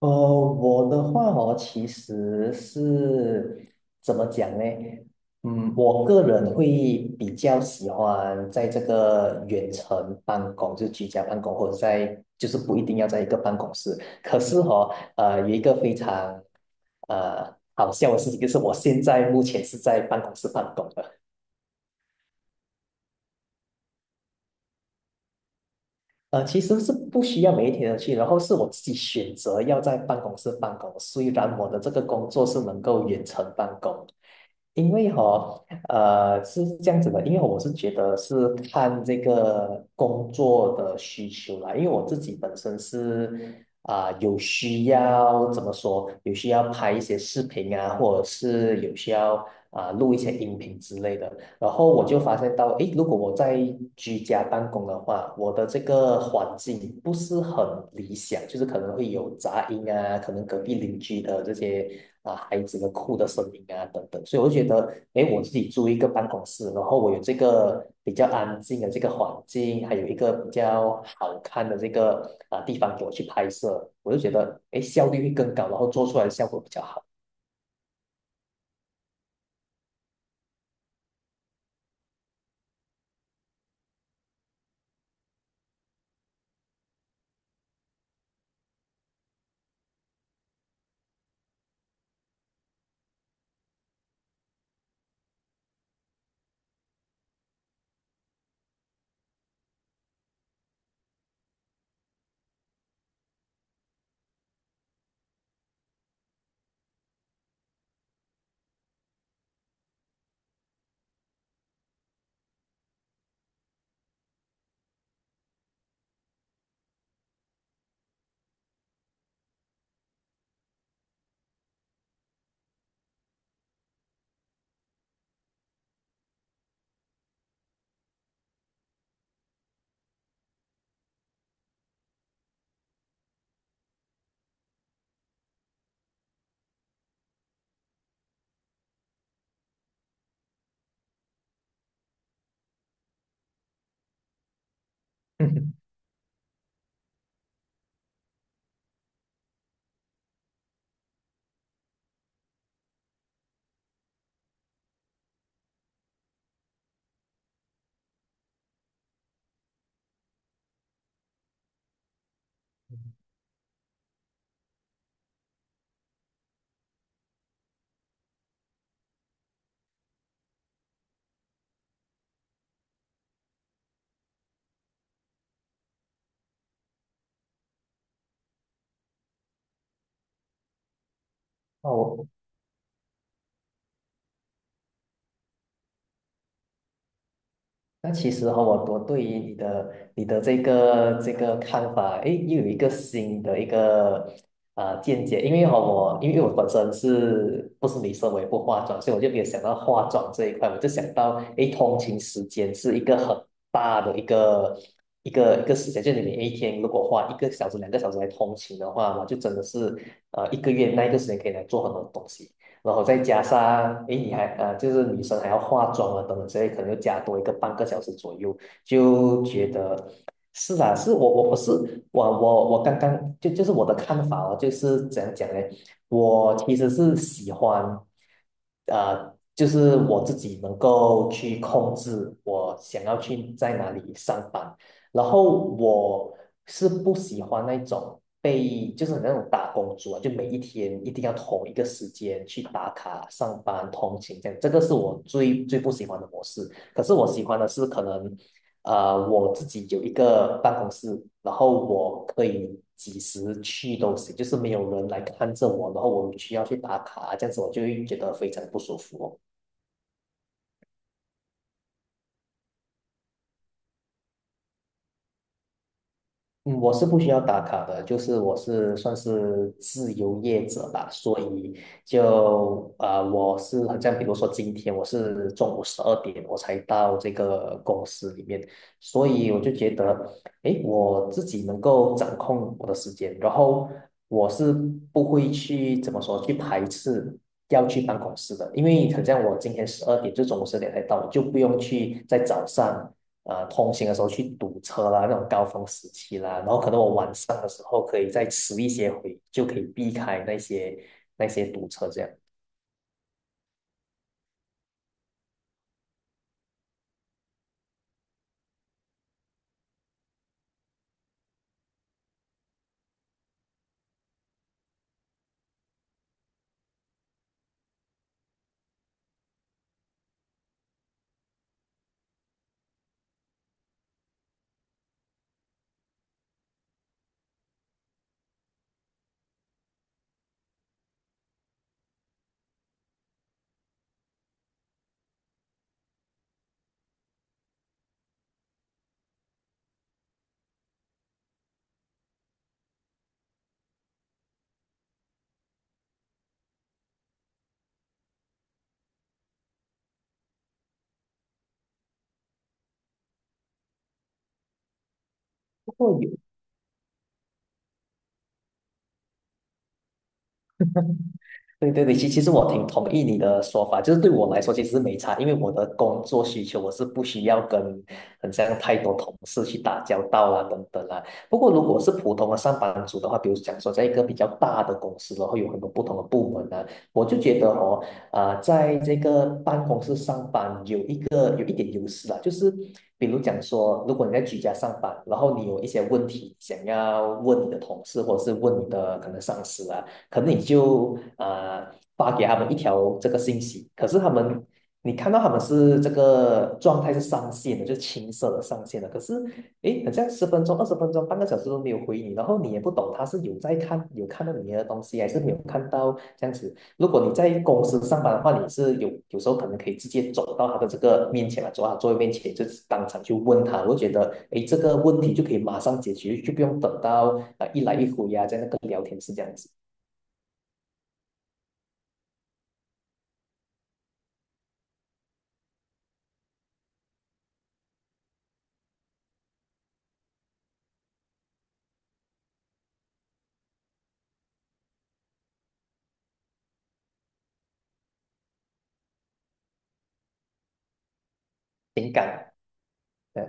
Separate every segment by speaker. Speaker 1: 我的话哦，其实是怎么讲呢？我个人会比较喜欢在这个远程办公，就是居家办公，或者在就是不一定要在一个办公室。可是哦，有一个非常好笑的事情，就是我现在目前是在办公室办公的。呃，其实是不需要每一天的去，然后是我自己选择要在办公室办公。虽然我的这个工作是能够远程办公，因为哈、哦呃，是这样子的，因为我是觉得是看这个工作的需求啦，因为我自己本身是有需要怎么说，有需要拍一些视频啊，或者是有需要录一些音频之类的，然后我就发现到，诶，如果我在居家办公的话，我的这个环境不是很理想，就是可能会有杂音啊，可能隔壁邻居的这些啊孩子的哭的声音啊等等，所以我就觉得，诶，我自己租一个办公室，然后我有这个比较安静的这个环境，还有一个比较好看的这个啊地方给我去拍摄，我就觉得，诶，效率会更高，然后做出来的效果比较好。那我。那其实我对于你的这个看法，诶，又有一个新的一个见解，因为我本身是不是女生，我也不化妆，所以我就没有想到化妆这一块，我就想到诶，通勤时间是一个很大的一个一个时间，就你每一天如果花一个小时、两个小时来通勤的话，我就真的是一个月那一个时间可以来做很多东西。然后再加上，诶，你还就是女生还要化妆啊等等之类，可能又加多一个半个小时左右，就觉得是啊，是我我我是我我我刚刚就是我的看法哦，就是怎样讲呢？我其实是喜欢，就是我自己能够去控制我想要去在哪里上班，然后我是不喜欢那种被就是很那种打工族啊，就每一天一定要同一个时间去打卡上班、通勤这样，这个是我最最不喜欢的模式。可是我喜欢的是可能，我自己有一个办公室，然后我可以几时去都行，就是没有人来看着我，然后我需要去打卡，这样子我就会觉得非常不舒服哦。嗯，我是不需要打卡的，就是我是算是自由业者吧，所以我是好像比如说今天我是中午十二点我才到这个公司里面，所以我就觉得，诶，我自己能够掌控我的时间，然后我是不会去怎么说去排斥要去办公室的，因为好像我今天十二点就中午十二点才到，我就不用去在早上。通行的时候去堵车啦，那种高峰时期啦，然后可能我晚上的时候可以再迟一些回，就可以避开那些堵车这样。不过有对对对，其实我挺同意你的说法，就是对我来说其实是没差，因为我的工作需求我是不需要跟很像太多同事去打交道啦、等等啦。不过如果是普通的上班族的话，比如讲说在一个比较大的公司，然后有很多不同的部门呢、我就觉得哦，啊、在这个办公室上班有一个有一点优势啦，就是比如讲说，如果你在居家上班，然后你有一些问题想要问你的同事或者是问你的可能上司啊。可能你就发给他们一条这个信息，可是他们你看到他们是这个状态是上线的，就是青色的上线的，可是诶，好像十分钟、20分钟、半个小时都没有回你，然后你也不懂他是有在看有看到你的东西，还是没有看到这样子。如果你在公司上班的话，你是有时候可能可以直接走到他的这个面前来，走到他座位面前，就是当场去问他。我觉得，诶，这个问题就可以马上解决，就不用等到一来一回呀、啊在那个聊天室这样子。情感，对，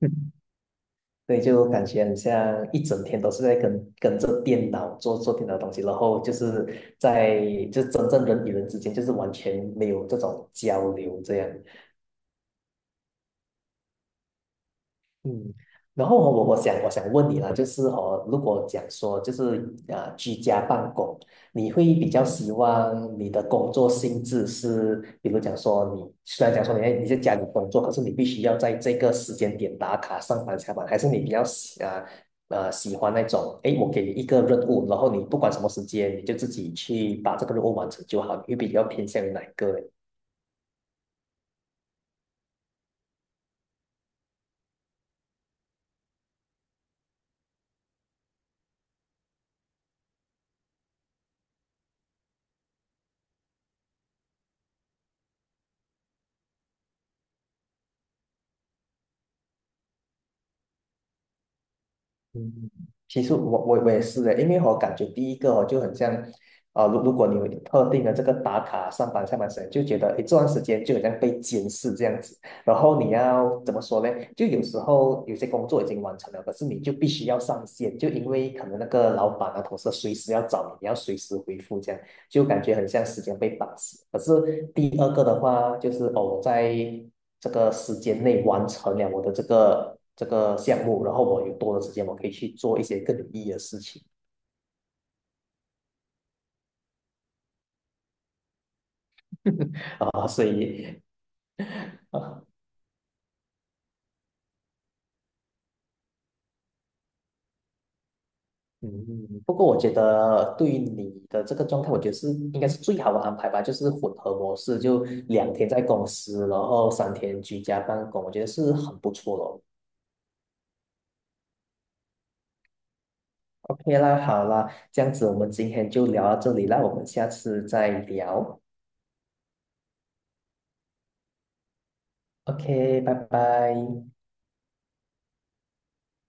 Speaker 1: 嗯所以就感觉很像一整天都是在跟着电脑做电脑的东西，然后就是在就真正人与人之间就是完全没有这种交流这样。嗯，然后哦我想问你啦，就是哦，如果讲说就是啊居家办公，你会比较希望你的工作性质是，比如讲说你虽然讲说你在家里工作，可是你必须要在这个时间点打卡上班下班，还是你比较喜欢那种，诶，我给你一个任务，然后你不管什么时间，你就自己去把这个任务完成就好，你会比较偏向于哪一个？呢？嗯，其实我也是的，因为我感觉第一个哦就很像，呃，如果你有特定的这个打卡上班下班时间，就觉得诶这段时间就好像被监视这样子，然后你要怎么说呢？就有时候有些工作已经完成了，可是你就必须要上线，就因为可能那个老板啊同事随时要找你，你要随时回复这样。就感觉很像时间被绑死。可是第二个的话，就是哦，我在这个时间内完成了我的这个项目，然后我有多的时间，我可以去做一些更有意义的事情 啊，所以啊。嗯，不过我觉得对于你的这个状态，我觉得是应该是最好的安排吧，就是混合模式，就2天在公司，然后3天居家办公，我觉得是很不错的哦 OK 啦，好啦，这样子我们今天就聊到这里啦，我们下次再聊。OK,拜拜。